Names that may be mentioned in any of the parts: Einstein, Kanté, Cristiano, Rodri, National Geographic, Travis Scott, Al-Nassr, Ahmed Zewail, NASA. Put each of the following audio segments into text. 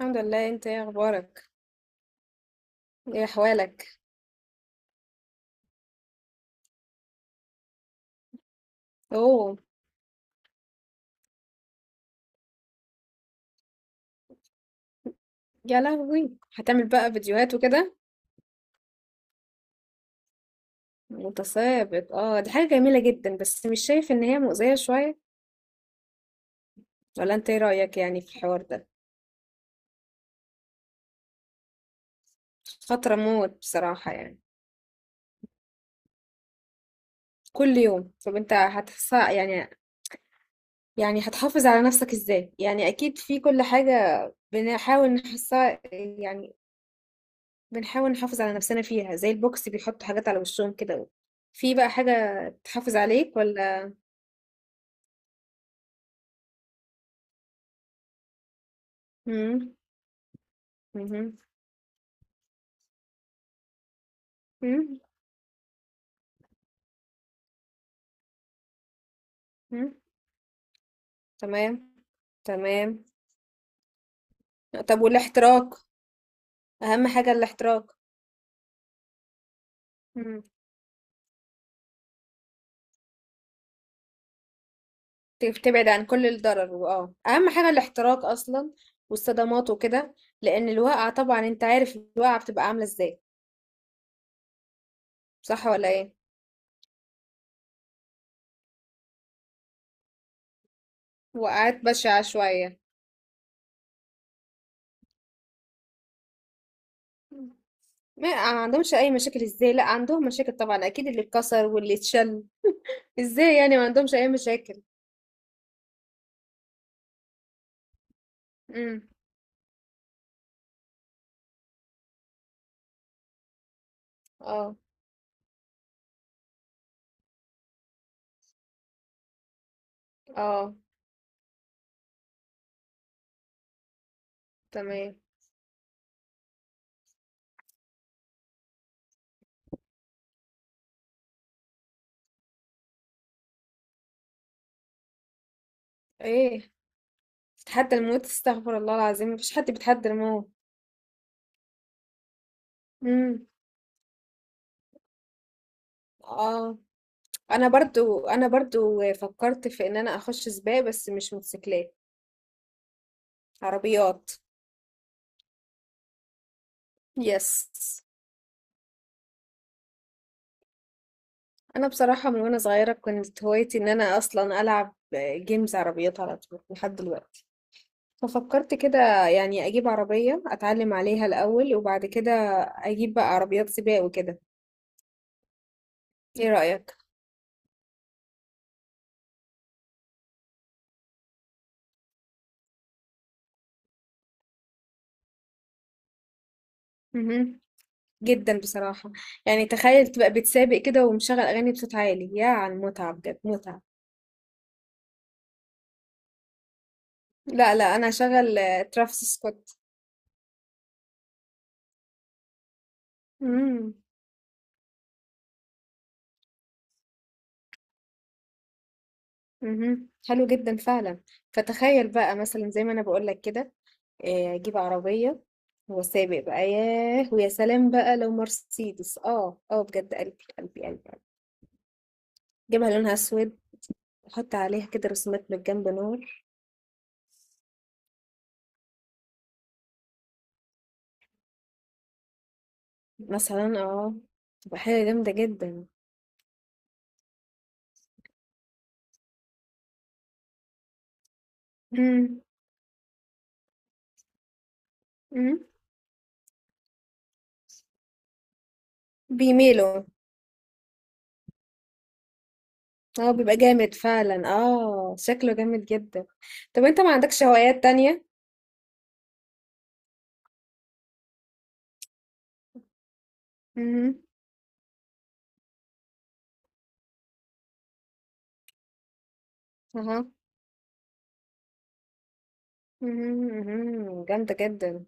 الحمد لله. انت ايه اخبارك؟ ايه احوالك؟ اوه. يا لهوي، هتعمل بقى فيديوهات وكده؟ متسابق؟ اه، دي حاجة جميلة جدا، بس مش شايف ان هي مؤذية شوية؟ ولا انت ايه رأيك يعني في الحوار ده؟ خطرة موت بصراحة، يعني. كل يوم؟ طب انت هتحس يعني هتحافظ على نفسك ازاي؟ يعني اكيد في كل حاجة بنحاول نحسها، يعني بنحاول نحافظ على نفسنا فيها، زي البوكس بيحطوا حاجات على وشهم كده. في بقى حاجة تحافظ عليك ولا؟ مم. مهم. إمم. إمم. تمام. تمام. طب والاحتراق؟ أهم حاجة الاحتراق. إمم. تبعد عن كل الضرر، وآه، أهم حاجة الاحتراق أصلًا، والصدمات وكده. لأن الواقعة، طبعًا أنت عارف الواقعة بتبقى عاملة إزاي. صح والّا إيه؟ وقعات بشعة شوية. ما ما عندهمش أي مشاكل إزاي؟ لأ، عندهم مشاكل طبعًا، أكيد اللي اتكسر واللي اتشل. إزاي يعني ما عندهمش أي مشاكل؟ إمم. آه. آه. تمام. إيه؟ تتحدى الموت؟ استغفر الله العظيم، مفيش حد بيتحدى الموت. امم. اه، انا برضو فكرت في ان انا اخش سباق، بس مش موتوسيكلات، عربيات. يس. انا بصراحة من وانا صغيرة كانت هوايتي ان انا اصلا العب جيمز عربيات على طول لحد دلوقتي. ففكرت كده يعني اجيب عربية اتعلم عليها الاول، وبعد كده اجيب بقى عربيات سباق وكده. ايه. رأيك. جدا بصراحة. يعني تخيل تبقى بتسابق كده ومشغل أغاني بصوت عالي، يا على المتعة بجد، متعة. لا، لا، أنا هشغل ترافيس سكوت. امم. امم. حلو جدا فعلا. فتخيل بقى مثلا زي ما أنا بقولك كده، أجيب عربية وسابق بقى. ياه، ويا سلام بقى لو مرسيدس، بجد، قلبي قلبي قلبي قلبي. جيبها لونها أسود، أحط عليها كده رسومات من جنب، نور. مثلا، تبقى حاجة جامدة جدا. امم. امم. بيميلوا. اه، بيبقى جامد فعلا. اه، شكله جامد جدا. طب انت ما عندكش هوايات تانية؟ امم. اها. مهم، مهم. جامدة جدا.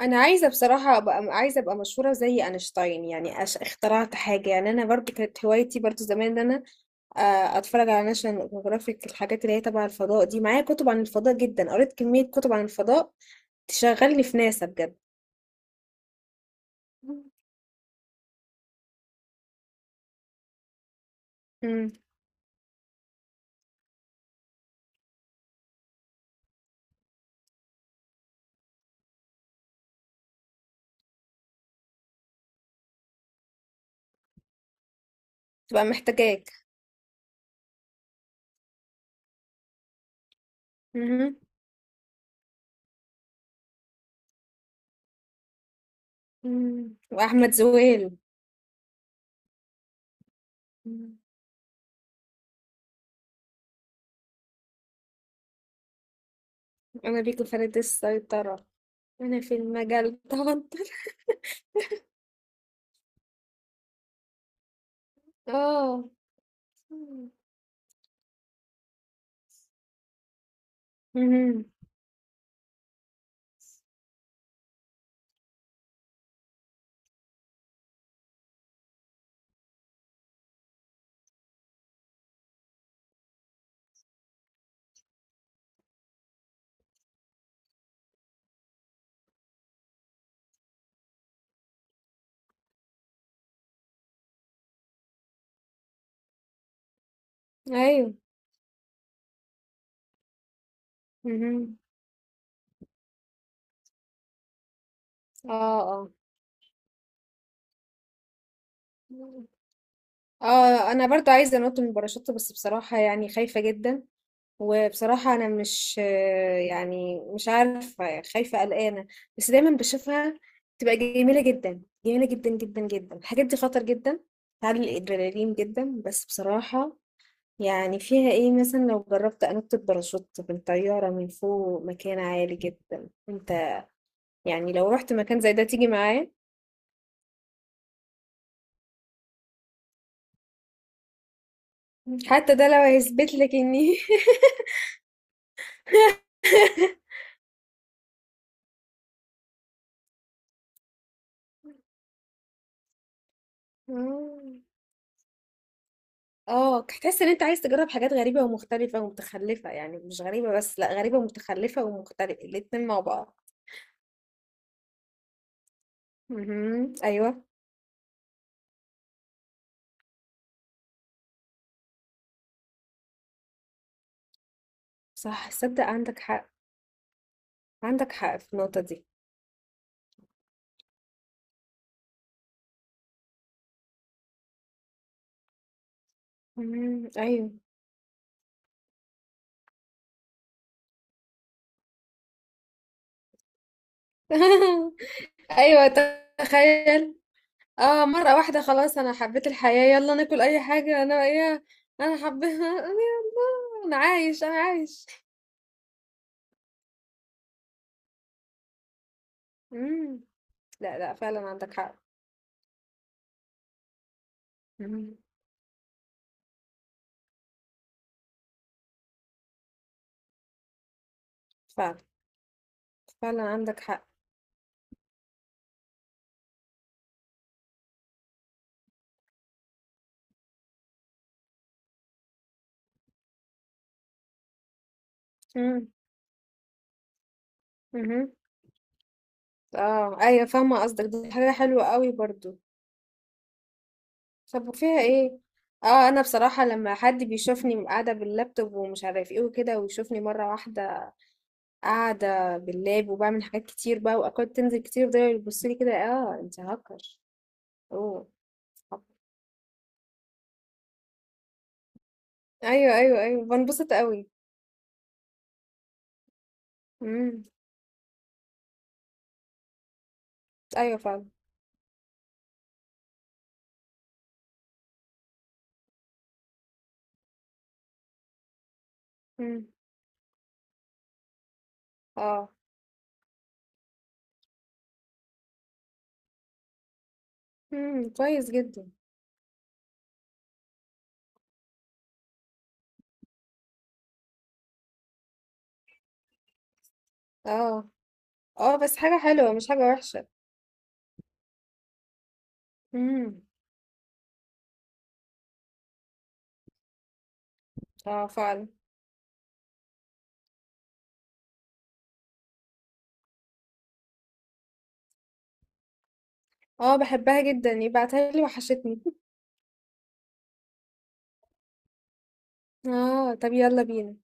انا عايزة بصراحة ابقى، عايزة ابقى مشهورة زي اينشتاين، يعني اخترعت حاجة، يعني انا برضو كانت هوايتي برضو زمان ان انا اتفرج على ناشونال جيوغرافيك، الحاجات اللي هي تبع الفضاء دي. معايا كتب عن الفضاء جدا، قريت كمية كتب عن الفضاء. تشغلني في ناسا بجد. امم. تبقى محتاجاك. مهم. مم. واحمد زويل. أنا بيكو فردت السيطرة. أنا في المجال توتر. اه. مهم. أيوه. مهم. اه. اه. اه. أنا برضو عايزة أنط من الباراشوت، بس بصراحة يعني خايفة جدا. وبصراحة أنا مش، يعني مش عارفة، خايفة، قلقانة. بس دايما بشوفها تبقى جميلة جدا، جميلة جدا جدا جدا. الحاجات دي خطر جدا، تعلي الأدرينالين جدا، بس بصراحة يعني فيها ايه؟ مثلا لو جربت انط الباراشوت من طيارة من فوق مكان عالي جدا، انت يعني لو رحت مكان زي ده تيجي معايا؟ حتى ده لو هيثبت لك اني مم. اه، هتحس ان انت عايز تجرب حاجات غريبة ومختلفة ومتخلفة. يعني مش غريبة بس، لا، غريبة ومتخلفة ومختلفة الاتنين مع بعض. مهم. ايوه، صح. صدق عندك حق. عندك حق في النقطة دي. مهم. ايوه. ايوه. تخيل. اه، مرة واحدة خلاص انا حبيت الحياة، يلا ناكل اي حاجة، انا ايه، انا حبيها انا، يلا انا عايش، انا عايش. مم. لا، لا، فعلا عندك حق. مم. فعلا، فعلا عندك حق. مم. مهم. اه، ايوه، فاهمة قصدك، دي حاجة حلوة قوي برضو. طب وفيها ايه؟ اه، انا بصراحة لما حد بيشوفني قاعدة باللابتوب ومش عارف ايه وكده، ويشوفني مرة واحدة قاعدة باللاب وبعمل حاجات كتير بقى، واكواد تنزل كتير، ده يبص لي كده، اه انت هاكر. اوه. ايوه، ايوه، ايوه، بنبسط قوي. امم. ايوه، فعلا. امم. اه. امم. كويس جدا. اه. اه، بس حاجه حلوه مش حاجه وحشه. امم. اه، فعلا. اه، بحبها جدا، يبعتها لي، وحشتني. اه، طب يلا بينا.